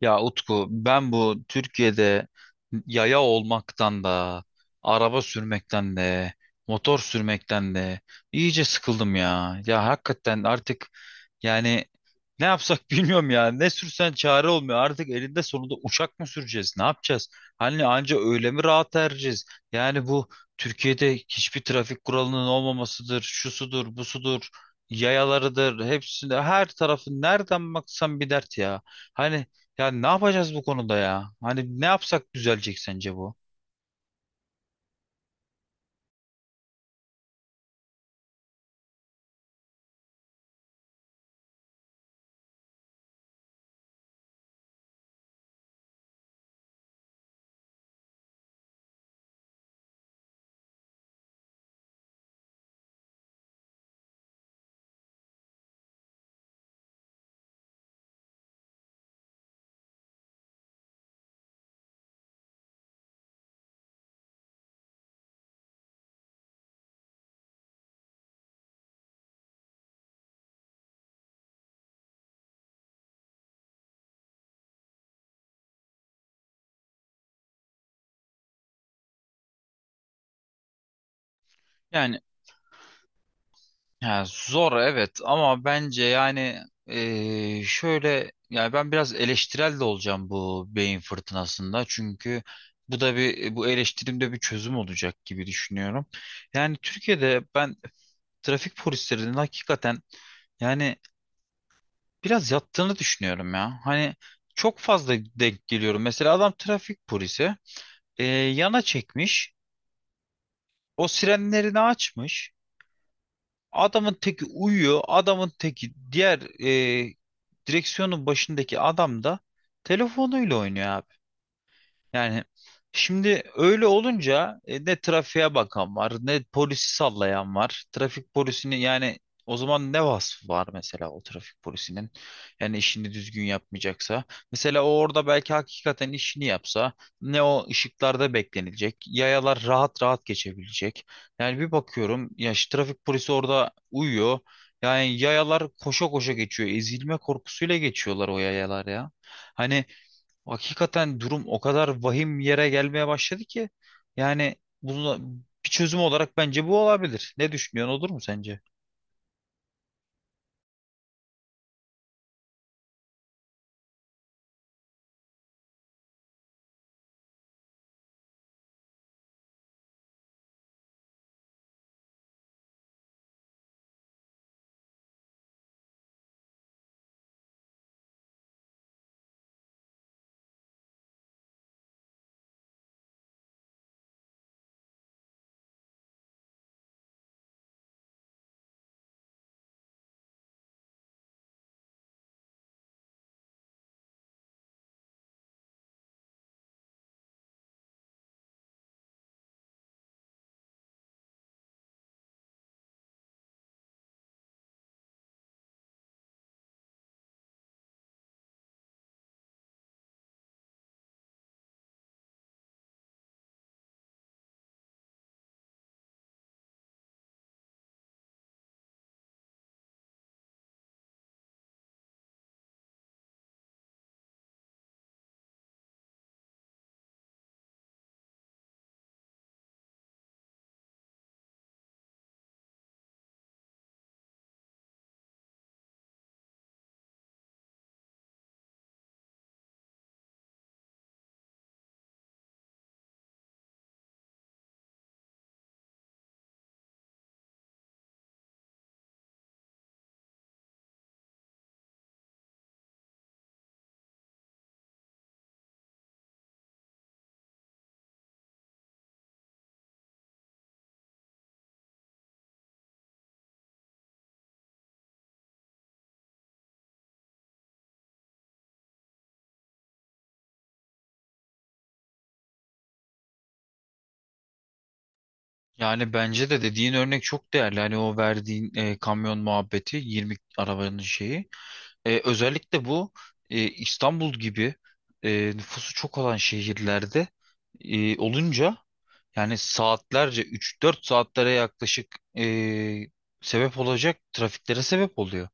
Ya Utku, ben bu Türkiye'de yaya olmaktan da araba sürmekten de motor sürmekten de iyice sıkıldım ya. Ya hakikaten artık yani ne yapsak bilmiyorum ya. Ne sürsen çare olmuyor. Artık elinde sonunda uçak mı süreceğiz? Ne yapacağız? Hani anca öyle mi rahat ereceğiz? Yani bu Türkiye'de hiçbir trafik kuralının olmamasıdır. Şusudur, busudur, yayalarıdır. Hepsinde her tarafı nereden baksan bir dert ya. Hani ya ne yapacağız bu konuda ya? Hani ne yapsak düzelecek sence bu? Yani Ya zor, evet, ama bence şöyle, yani ben biraz eleştirel de olacağım bu beyin fırtınasında, çünkü bu da bu eleştirimde bir çözüm olacak gibi düşünüyorum. Yani Türkiye'de ben trafik polislerinin hakikaten yani biraz yattığını düşünüyorum ya. Hani çok fazla denk geliyorum. Mesela adam trafik polisi, eee, yana çekmiş, o sirenlerini açmış. Adamın teki uyuyor. Adamın teki diğer, e, direksiyonun başındaki adam da telefonuyla oynuyor abi. Yani şimdi öyle olunca ne trafiğe bakan var, ne polisi sallayan var. Trafik polisini, yani o zaman ne vasfı var mesela o trafik polisinin? Yani işini düzgün yapmayacaksa. Mesela o orada belki hakikaten işini yapsa, ne o ışıklarda beklenilecek, yayalar rahat rahat geçebilecek. Yani bir bakıyorum ya, şu trafik polisi orada uyuyor. Yani yayalar koşa koşa geçiyor. Ezilme korkusuyla geçiyorlar o yayalar ya. Hani Hakikaten durum o kadar vahim yere gelmeye başladı ki, yani bunu bir çözüm olarak bence bu olabilir. Ne düşünüyorsun, olur mu sence? Yani bence de dediğin örnek çok değerli. Hani o verdiğin kamyon muhabbeti, 20 arabanın şeyi. Özellikle bu İstanbul gibi nüfusu çok olan şehirlerde olunca yani saatlerce, üç dört saatlere yaklaşık sebep olacak trafiklere sebep oluyor.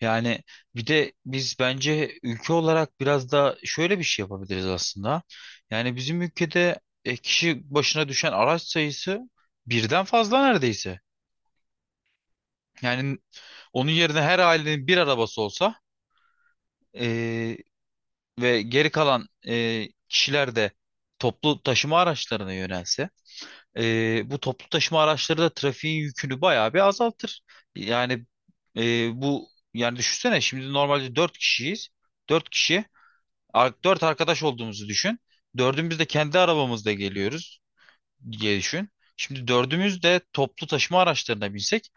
Yani bir de biz bence ülke olarak biraz da şöyle bir şey yapabiliriz aslında. Yani bizim ülkede kişi başına düşen araç sayısı birden fazla neredeyse. Yani onun yerine her ailenin bir arabası olsa e, ve geri kalan kişiler de toplu taşıma araçlarına yönelse, bu toplu taşıma araçları da trafiğin yükünü bayağı bir azaltır. Yani e, bu Yani düşünsene, şimdi normalde 4 kişiyiz. Dört kişi, 4 arkadaş olduğumuzu düşün. Dördümüz de kendi arabamızla geliyoruz diye düşün. Şimdi dördümüz de toplu taşıma araçlarına binsek,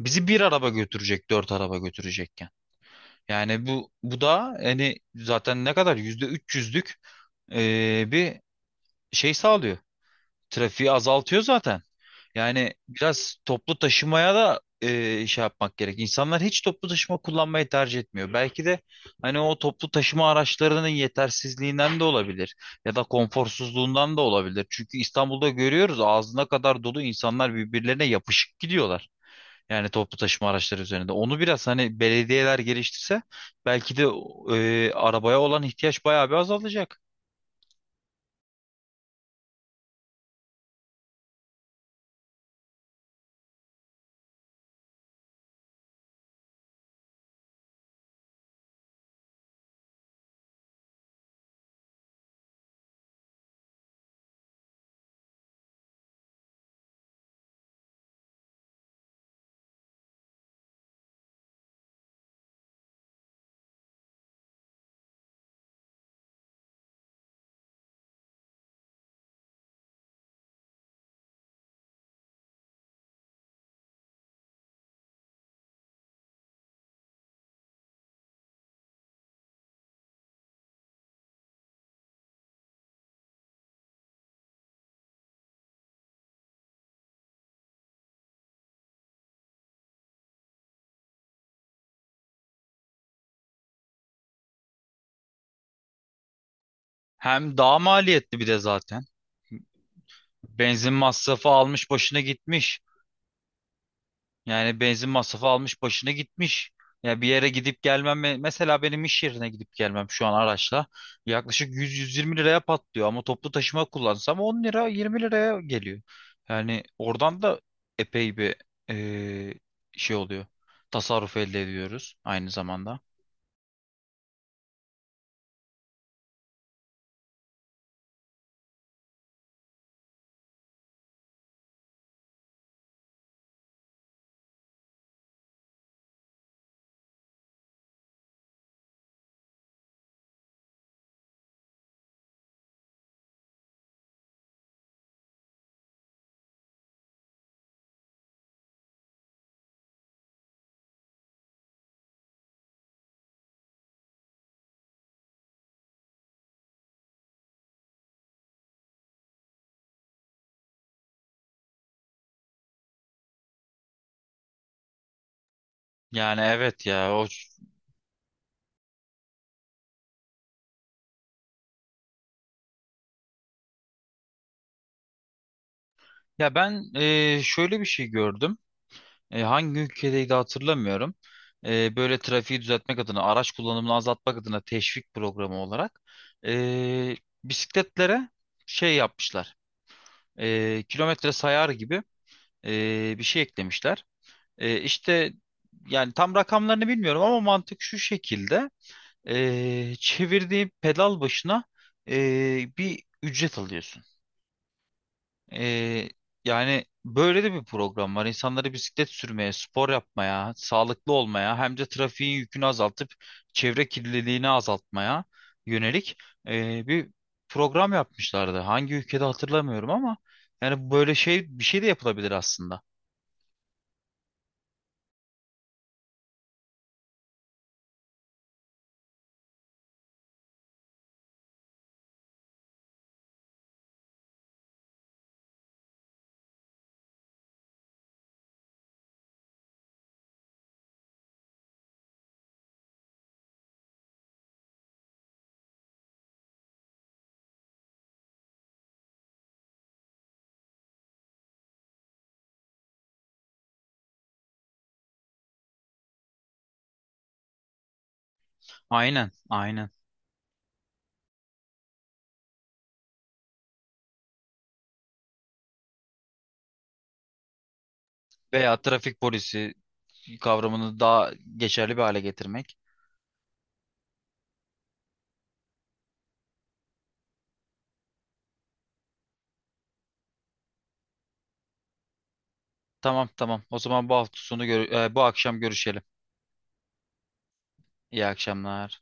bizi bir araba götürecek, dört araba götürecek. Yani bu da hani zaten ne kadar, yüzde 300'lük bir şey sağlıyor. Trafiği azaltıyor zaten. Yani biraz toplu taşımaya da şey yapmak gerek. İnsanlar hiç toplu taşıma kullanmayı tercih etmiyor. Belki de hani o toplu taşıma araçlarının yetersizliğinden de olabilir ya da konforsuzluğundan da olabilir. Çünkü İstanbul'da görüyoruz, ağzına kadar dolu, insanlar birbirlerine yapışık gidiyorlar. Yani toplu taşıma araçları üzerinde. Onu biraz hani belediyeler geliştirse, belki de arabaya olan ihtiyaç bayağı bir azalacak. Hem daha maliyetli bir de zaten. Benzin masrafı almış başına gitmiş. Yani benzin masrafı almış başına gitmiş. Ya bir yere gidip gelmem, mesela benim iş yerine gidip gelmem şu an araçla yaklaşık 100-120 liraya patlıyor, ama toplu taşıma kullansam 10 lira 20 liraya geliyor. Yani oradan da epey bir eee, şey oluyor. Tasarruf elde ediyoruz aynı zamanda. Yani evet ya o Ya ben, şöyle bir şey gördüm. Hangi ülkedeydi hatırlamıyorum. Böyle trafiği düzeltmek adına, araç kullanımını azaltmak adına, teşvik programı olarak e, bisikletlere şey yapmışlar. Kilometre sayar gibi bir şey eklemişler. İşte yani tam rakamlarını bilmiyorum ama mantık şu şekilde. Çevirdiğin pedal başına bir ücret alıyorsun. Ee, Yani böyle de bir program var. İnsanları bisiklet sürmeye, spor yapmaya, sağlıklı olmaya, hem de trafiğin yükünü azaltıp çevre kirliliğini azaltmaya yönelik bir program yapmışlardı. Hangi ülkede hatırlamıyorum ama yani böyle bir şey de yapılabilir aslında. Aynen, aynen. Veya trafik polisi kavramını daha geçerli bir hale getirmek. Tamam, tamam. O zaman bu hafta sonu bu akşam görüşelim. İyi akşamlar.